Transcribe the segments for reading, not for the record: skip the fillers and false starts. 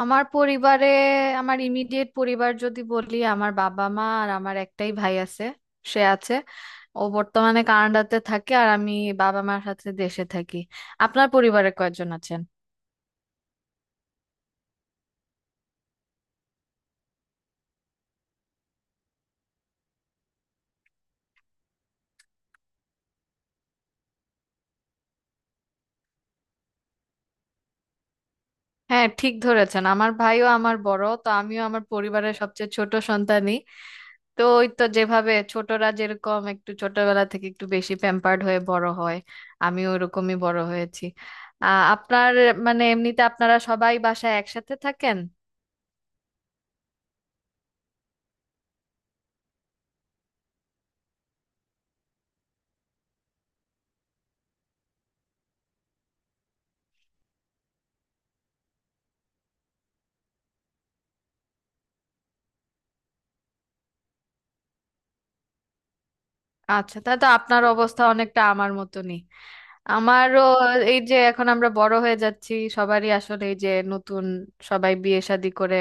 আমার পরিবারে আমার ইমিডিয়েট পরিবার যদি বলি, আমার বাবা মা আর আমার একটাই ভাই আছে। সে আছে, ও বর্তমানে কানাডাতে থাকে আর আমি বাবা মার সাথে দেশে থাকি। আপনার পরিবারে কয়জন আছেন? হ্যাঁ, ঠিক ধরেছেন, আমার ভাইও আমার বড়, তো আমিও আমার পরিবারের সবচেয়ে ছোট সন্তানই। তো ওই তো, যেভাবে ছোটরা যেরকম একটু ছোটবেলা থেকে একটু বেশি প্যাম্পার্ড হয়ে বড় হয়, আমিও ওরকমই বড় হয়েছি। আপনার মানে এমনিতে আপনারা সবাই বাসায় একসাথে থাকেন? আচ্ছা, তা তো আপনার অবস্থা অনেকটা আমার মতনই। আমারও এই যে এখন আমরা বড় হয়ে যাচ্ছি, সবারই আসলে এই যে নতুন, সবাই বিয়ে শাদী করে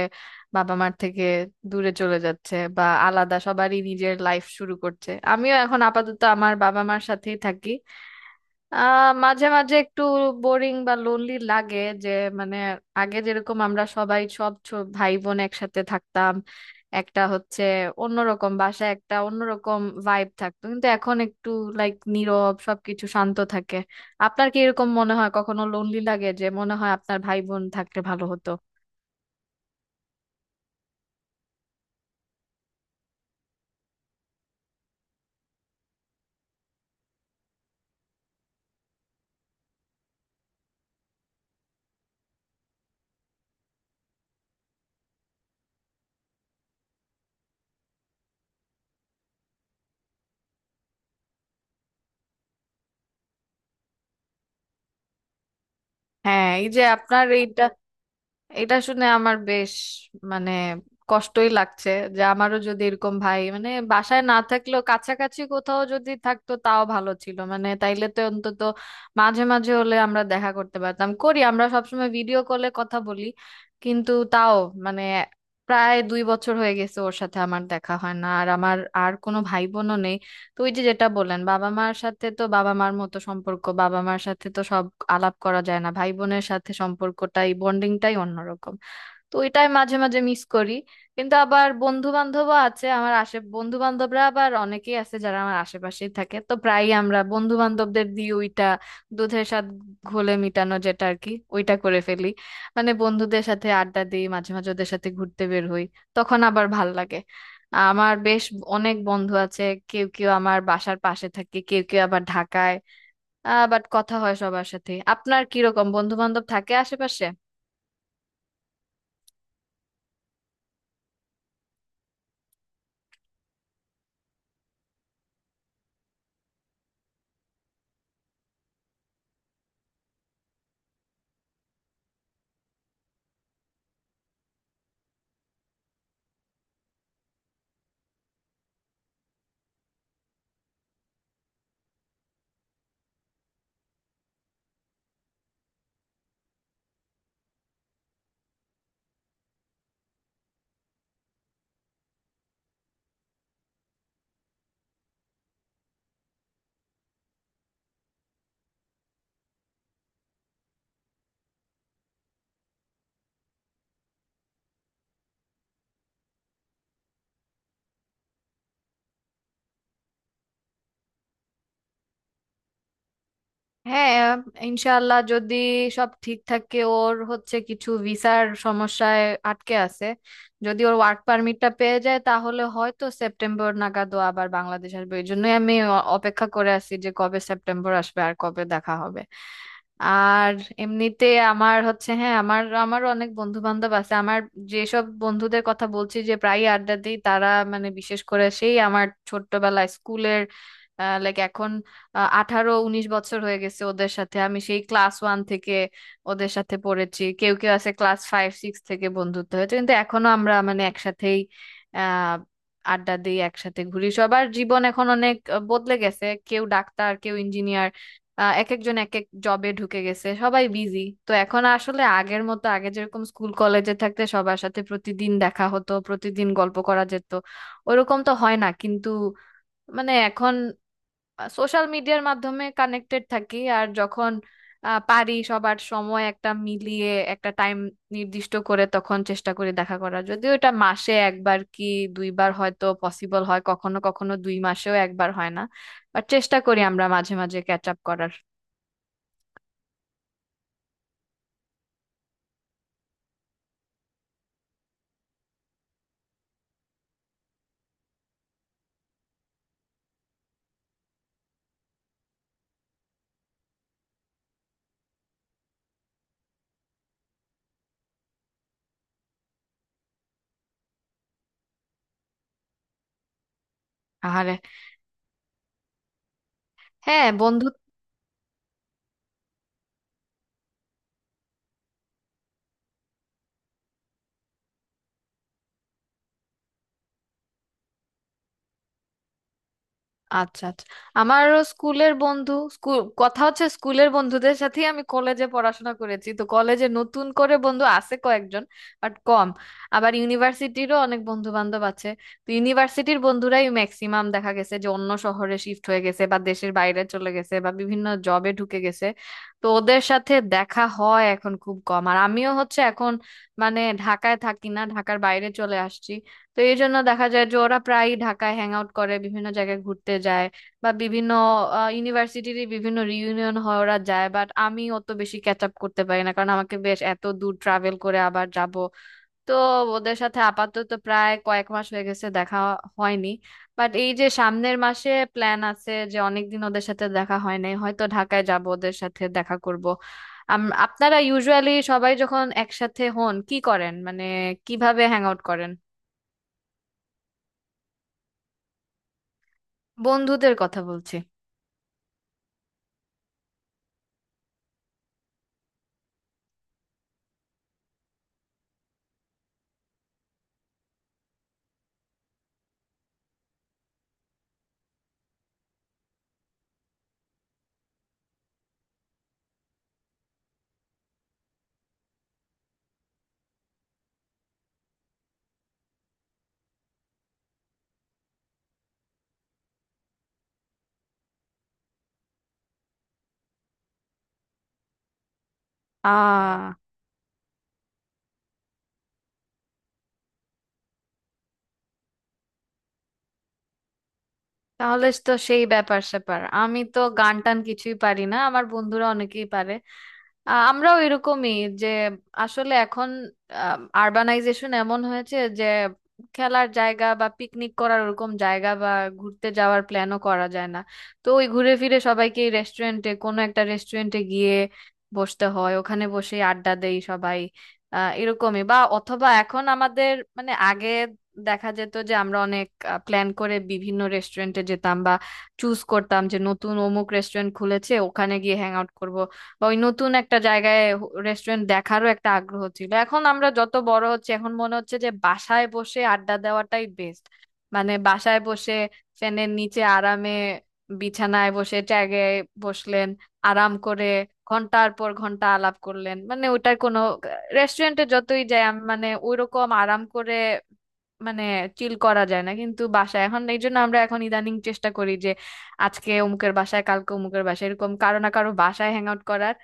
বাবা মার থেকে দূরে চলে যাচ্ছে বা আলাদা, সবারই নিজের লাইফ শুরু করছে। আমিও এখন আপাতত আমার বাবা মার সাথেই থাকি। আহ, মাঝে মাঝে একটু বোরিং বা লোনলি লাগে যে, মানে আগে যেরকম আমরা সবাই সব ভাই বোন একসাথে থাকতাম, একটা হচ্ছে অন্যরকম বাসায় একটা অন্যরকম ভাইব থাকতো, কিন্তু এখন একটু লাইক নীরব, সবকিছু শান্ত থাকে। আপনার কি এরকম মনে হয় কখনো লোনলি লাগে, যে মনে হয় আপনার ভাই বোন থাকলে ভালো হতো? হ্যাঁ, এই যে আপনার এইটা, এটা শুনে আমার বেশ মানে কষ্টই লাগছে। যে আমারও যদি এরকম ভাই মানে বাসায় না থাকলেও কাছাকাছি কোথাও যদি থাকতো তাও ভালো ছিল, মানে তাইলে তো অন্তত মাঝে মাঝে হলে আমরা দেখা করতে পারতাম। করি আমরা সবসময় ভিডিও কলে কথা বলি, কিন্তু তাও মানে প্রায় 2 বছর হয়ে গেছে ওর সাথে আমার দেখা হয় না, আর আমার আর কোনো ভাই বোনও নেই। তো ওই যে যেটা বললেন, বাবা মার সাথে তো বাবা মার মতো সম্পর্ক, বাবা মার সাথে তো সব আলাপ করা যায় না, ভাই বোনের সাথে সম্পর্কটাই বন্ডিংটাই অন্যরকম। তো এটাই মাঝে মাঝে মিস করি। কিন্তু আবার বন্ধু বান্ধবও আছে আমার আশে, বন্ধু বান্ধবরা আবার অনেকেই আছে যারা আমার আশেপাশেই থাকে, তো প্রায়ই আমরা বন্ধু বান্ধবদের দিয়ে ওইটা দুধের স্বাদ ঘোলে মিটানো যেটা আর কি, ওইটা করে ফেলি। মানে বন্ধুদের সাথে আড্ডা দিই, মাঝে মাঝে ওদের সাথে ঘুরতে বের হই, তখন আবার ভাল লাগে। আমার বেশ অনেক বন্ধু আছে, কেউ কেউ আমার বাসার পাশে থাকে, কেউ কেউ আবার ঢাকায়, বাট কথা হয় সবার সাথে। আপনার কিরকম বন্ধু বান্ধব থাকে আশেপাশে? হ্যাঁ, ইনশাআল্লাহ যদি সব ঠিক থাকে, ওর হচ্ছে কিছু ভিসার সমস্যায় আটকে আছে, যদি ওর ওয়ার্ক পারমিটটা পেয়ে যায় তাহলে হয়তো সেপ্টেম্বর নাগাদ ও আবার বাংলাদেশ আসবে। এই জন্যই আমি অপেক্ষা করে আছি, যে কবে সেপ্টেম্বর আসবে আর কবে দেখা হবে। আর এমনিতে আমার হচ্ছে, হ্যাঁ আমারও অনেক বন্ধু বান্ধব আছে। আমার যেসব বন্ধুদের কথা বলছি যে প্রায় আড্ডা দিই তারা, মানে বিশেষ করে সেই আমার ছোট্টবেলায় স্কুলের, লাইক এখন 18-19 বছর হয়ে গেছে ওদের সাথে, আমি সেই ক্লাস ওয়ান থেকে ওদের সাথে পড়েছি। কেউ কেউ আছে ক্লাস ফাইভ সিক্স থেকে বন্ধুত্ব হয়েছে, কিন্তু এখনো আমরা মানে একসাথেই আহ আড্ডা দিই, একসাথে ঘুরি। সবার জীবন এখন অনেক বদলে গেছে, কেউ ডাক্তার কেউ ইঞ্জিনিয়ার, এক একজন এক এক জবে ঢুকে গেছে, সবাই বিজি। তো এখন আসলে আগের মতো, আগে যেরকম স্কুল কলেজে থাকতে সবার সাথে প্রতিদিন দেখা হতো, প্রতিদিন গল্প করা যেত, ওরকম তো হয় না। কিন্তু মানে এখন সোশ্যাল মিডিয়ার মাধ্যমে কানেক্টেড থাকি, আর যখন পারি সবার সময় একটা মিলিয়ে একটা টাইম নির্দিষ্ট করে, তখন চেষ্টা করি দেখা করার। যদিও এটা মাসে একবার কি দুইবার হয়তো পসিবল হয়, কখনো কখনো দুই মাসেও একবার হয় না। বাট চেষ্টা করি আমরা মাঝে মাঝে ক্যাচ আপ করার। আরে, হ্যাঁ বন্ধু। আচ্ছা আচ্ছা, আমারও স্কুলের বন্ধু, স্কুল কথা হচ্ছে স্কুলের বন্ধুদের সাথেই আমি কলেজে পড়াশোনা করেছি, তো কলেজে নতুন করে বন্ধু আছে কয়েকজন, বাট কম। আবার ইউনিভার্সিটিরও অনেক বন্ধু বান্ধব আছে, তো ইউনিভার্সিটির বন্ধুরাই ম্যাক্সিমাম দেখা গেছে যে অন্য শহরে শিফট হয়ে গেছে বা দেশের বাইরে চলে গেছে বা বিভিন্ন জবে ঢুকে গেছে। তো ওদের সাথে দেখা হয় এখন খুব কম, আর আমিও হচ্ছে এখন মানে ঢাকায় থাকি না, ঢাকার বাইরে চলে আসছি। তো এই জন্য দেখা যায় যে ওরা প্রায় ঢাকায় হ্যাং আউট করে, বিভিন্ন জায়গায় ঘুরতে যায় বা বিভিন্ন ইউনিভার্সিটির বিভিন্ন রিউনিয়ন হয় ওরা যায়, বাট আমি অত বেশি ক্যাচ আপ করতে পারি না, কারণ আমাকে বেশ এত দূর ট্রাভেল করে আবার যাব। তো ওদের সাথে আপাতত প্রায় কয়েক মাস হয়ে গেছে দেখা হয়নি। বাট এই যে সামনের মাসে প্ল্যান আছে, যে অনেকদিন ওদের সাথে দেখা হয় নাই, হয়তো ঢাকায় যাব ওদের সাথে দেখা করব। আপনারা ইউজুয়ালি সবাই যখন একসাথে হন কি করেন, মানে কিভাবে হ্যাং আউট করেন? বন্ধুদের কথা বলছি। আহ তাহলে তো সেই ব্যাপার স্যাপার, আমি তো গান টান কিছুই পারি না, আমার বন্ধুরা অনেকেই পারে। আমরাও এরকমই যে, আসলে এখন আরবানাইজেশন এমন হয়েছে যে খেলার জায়গা বা পিকনিক করার ওরকম জায়গা বা ঘুরতে যাওয়ার প্ল্যানও করা যায় না। তো ওই ঘুরে ফিরে সবাইকে রেস্টুরেন্টে, কোনো একটা রেস্টুরেন্টে গিয়ে বসতে হয়, ওখানে বসে আড্ডা দেই সবাই। এরকমই, বা অথবা এখন আমাদের মানে আগে দেখা যেত যে আমরা অনেক প্ল্যান করে বিভিন্ন রেস্টুরেন্টে যেতাম, বা চুজ করতাম যে নতুন অমুক রেস্টুরেন্ট খুলেছে ওখানে গিয়ে হ্যাং আউট করব, বা ওই নতুন একটা জায়গায় রেস্টুরেন্ট দেখারও একটা আগ্রহ ছিল। এখন আমরা যত বড় হচ্ছে এখন মনে হচ্ছে যে বাসায় বসে আড্ডা দেওয়াটাই বেস্ট। মানে বাসায় বসে ফ্যানের নিচে আরামে বিছানায় বসে ট্যাগে বসলেন, আরাম করে ঘন্টার পর ঘন্টা আলাপ করলেন, মানে ওটার কোনো, রেস্টুরেন্টে যতই যাই আমি মানে ওইরকম আরাম করে মানে চিল করা যায় না, কিন্তু বাসায়। এখন এই জন্য আমরা এখন ইদানিং চেষ্টা করি যে আজকে অমুকের বাসায় কালকে অমুকের বাসায় এরকম কারো না কারো বাসায় হ্যাং আউট করার।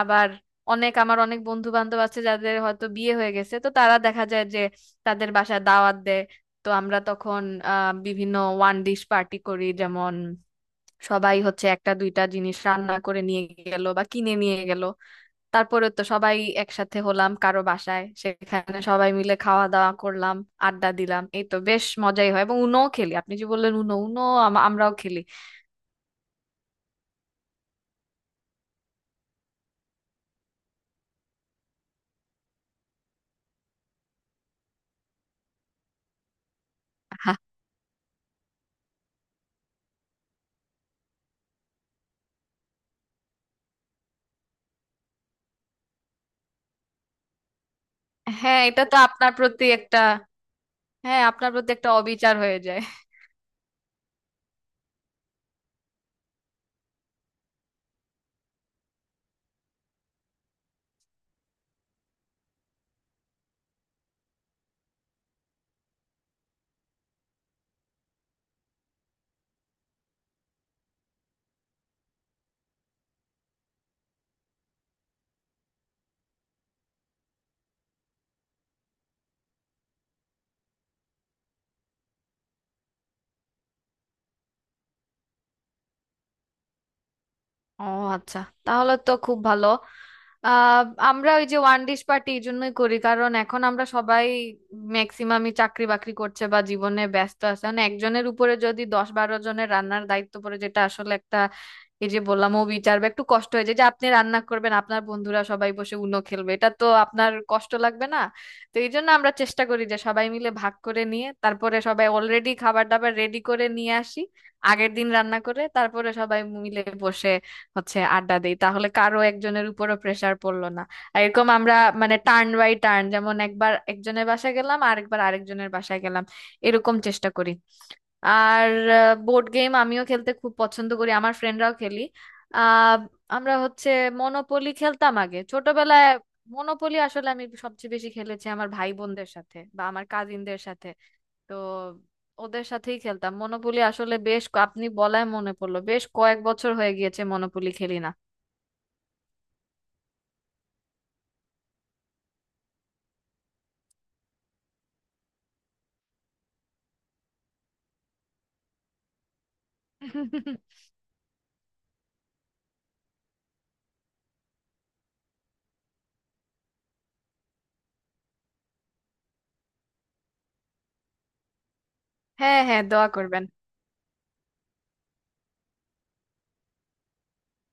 আবার আমার অনেক বন্ধু বান্ধব আছে যাদের হয়তো বিয়ে হয়ে গেছে, তো তারা দেখা যায় যে তাদের বাসায় দাওয়াত দেয়। তো আমরা তখন বিভিন্ন ওয়ান ডিশ পার্টি করি, যেমন সবাই হচ্ছে একটা দুইটা জিনিস রান্না করে নিয়ে গেল বা কিনে নিয়ে গেল, তারপরে তো সবাই একসাথে হলাম কারো বাসায়, সেখানে সবাই মিলে খাওয়া দাওয়া করলাম, আড্ডা দিলাম, এই তো বেশ মজাই হয়। এবং উনোও খেলি, আপনি যে বললেন উনো, উনো আমরাও খেলি। হ্যাঁ এটা তো আপনার প্রতি একটা, হ্যাঁ আপনার প্রতি একটা অবিচার হয়ে যায়। ও আচ্ছা, তাহলে তো খুব ভালো। আহ আমরা ওই যে ওয়ান ডিশ পার্টি এই জন্যই করি, কারণ এখন আমরা সবাই ম্যাক্সিমামই চাকরি বাকরি করছে বা জীবনে ব্যস্ত আছে, মানে একজনের উপরে যদি 10-12 জনের রান্নার দায়িত্ব পড়ে, যেটা আসলে একটা এই যে বললাম ও বিচার বা একটু কষ্ট হয়ে যায়, যে আপনি রান্না করবেন আপনার বন্ধুরা সবাই বসে উনো খেলবে, এটা তো আপনার কষ্ট লাগবে না? তো এই জন্য আমরা চেষ্টা করি যে সবাই মিলে ভাগ করে নিয়ে, তারপরে সবাই অলরেডি খাবার দাবার রেডি করে নিয়ে আসি, আগের দিন রান্না করে, তারপরে সবাই মিলে বসে হচ্ছে আড্ডা দিই, তাহলে কারো একজনের উপরও প্রেসার পড়লো না। আর এরকম আমরা মানে টার্ন বাই টার্ন, যেমন একবার একজনের বাসায় গেলাম আর একবার আরেকজনের বাসায় গেলাম, এরকম চেষ্টা করি। আর বোর্ড গেম আমিও খেলতে খুব পছন্দ করি, আমার ফ্রেন্ডরাও খেলি। আহ আমরা হচ্ছে মনোপলি খেলতাম আগে ছোটবেলায়। মনোপলি আসলে আমি সবচেয়ে বেশি খেলেছি আমার ভাই বোনদের সাথে বা আমার কাজিনদের সাথে, তো ওদের সাথেই খেলতাম। মনোপলি আসলে বেশ আপনি বলায় মনে পড়লো, বেশ কয়েক বছর হয়ে গিয়েছে মনোপলি খেলি না। হ্যাঁ হ্যাঁ, দোয়া করবেন।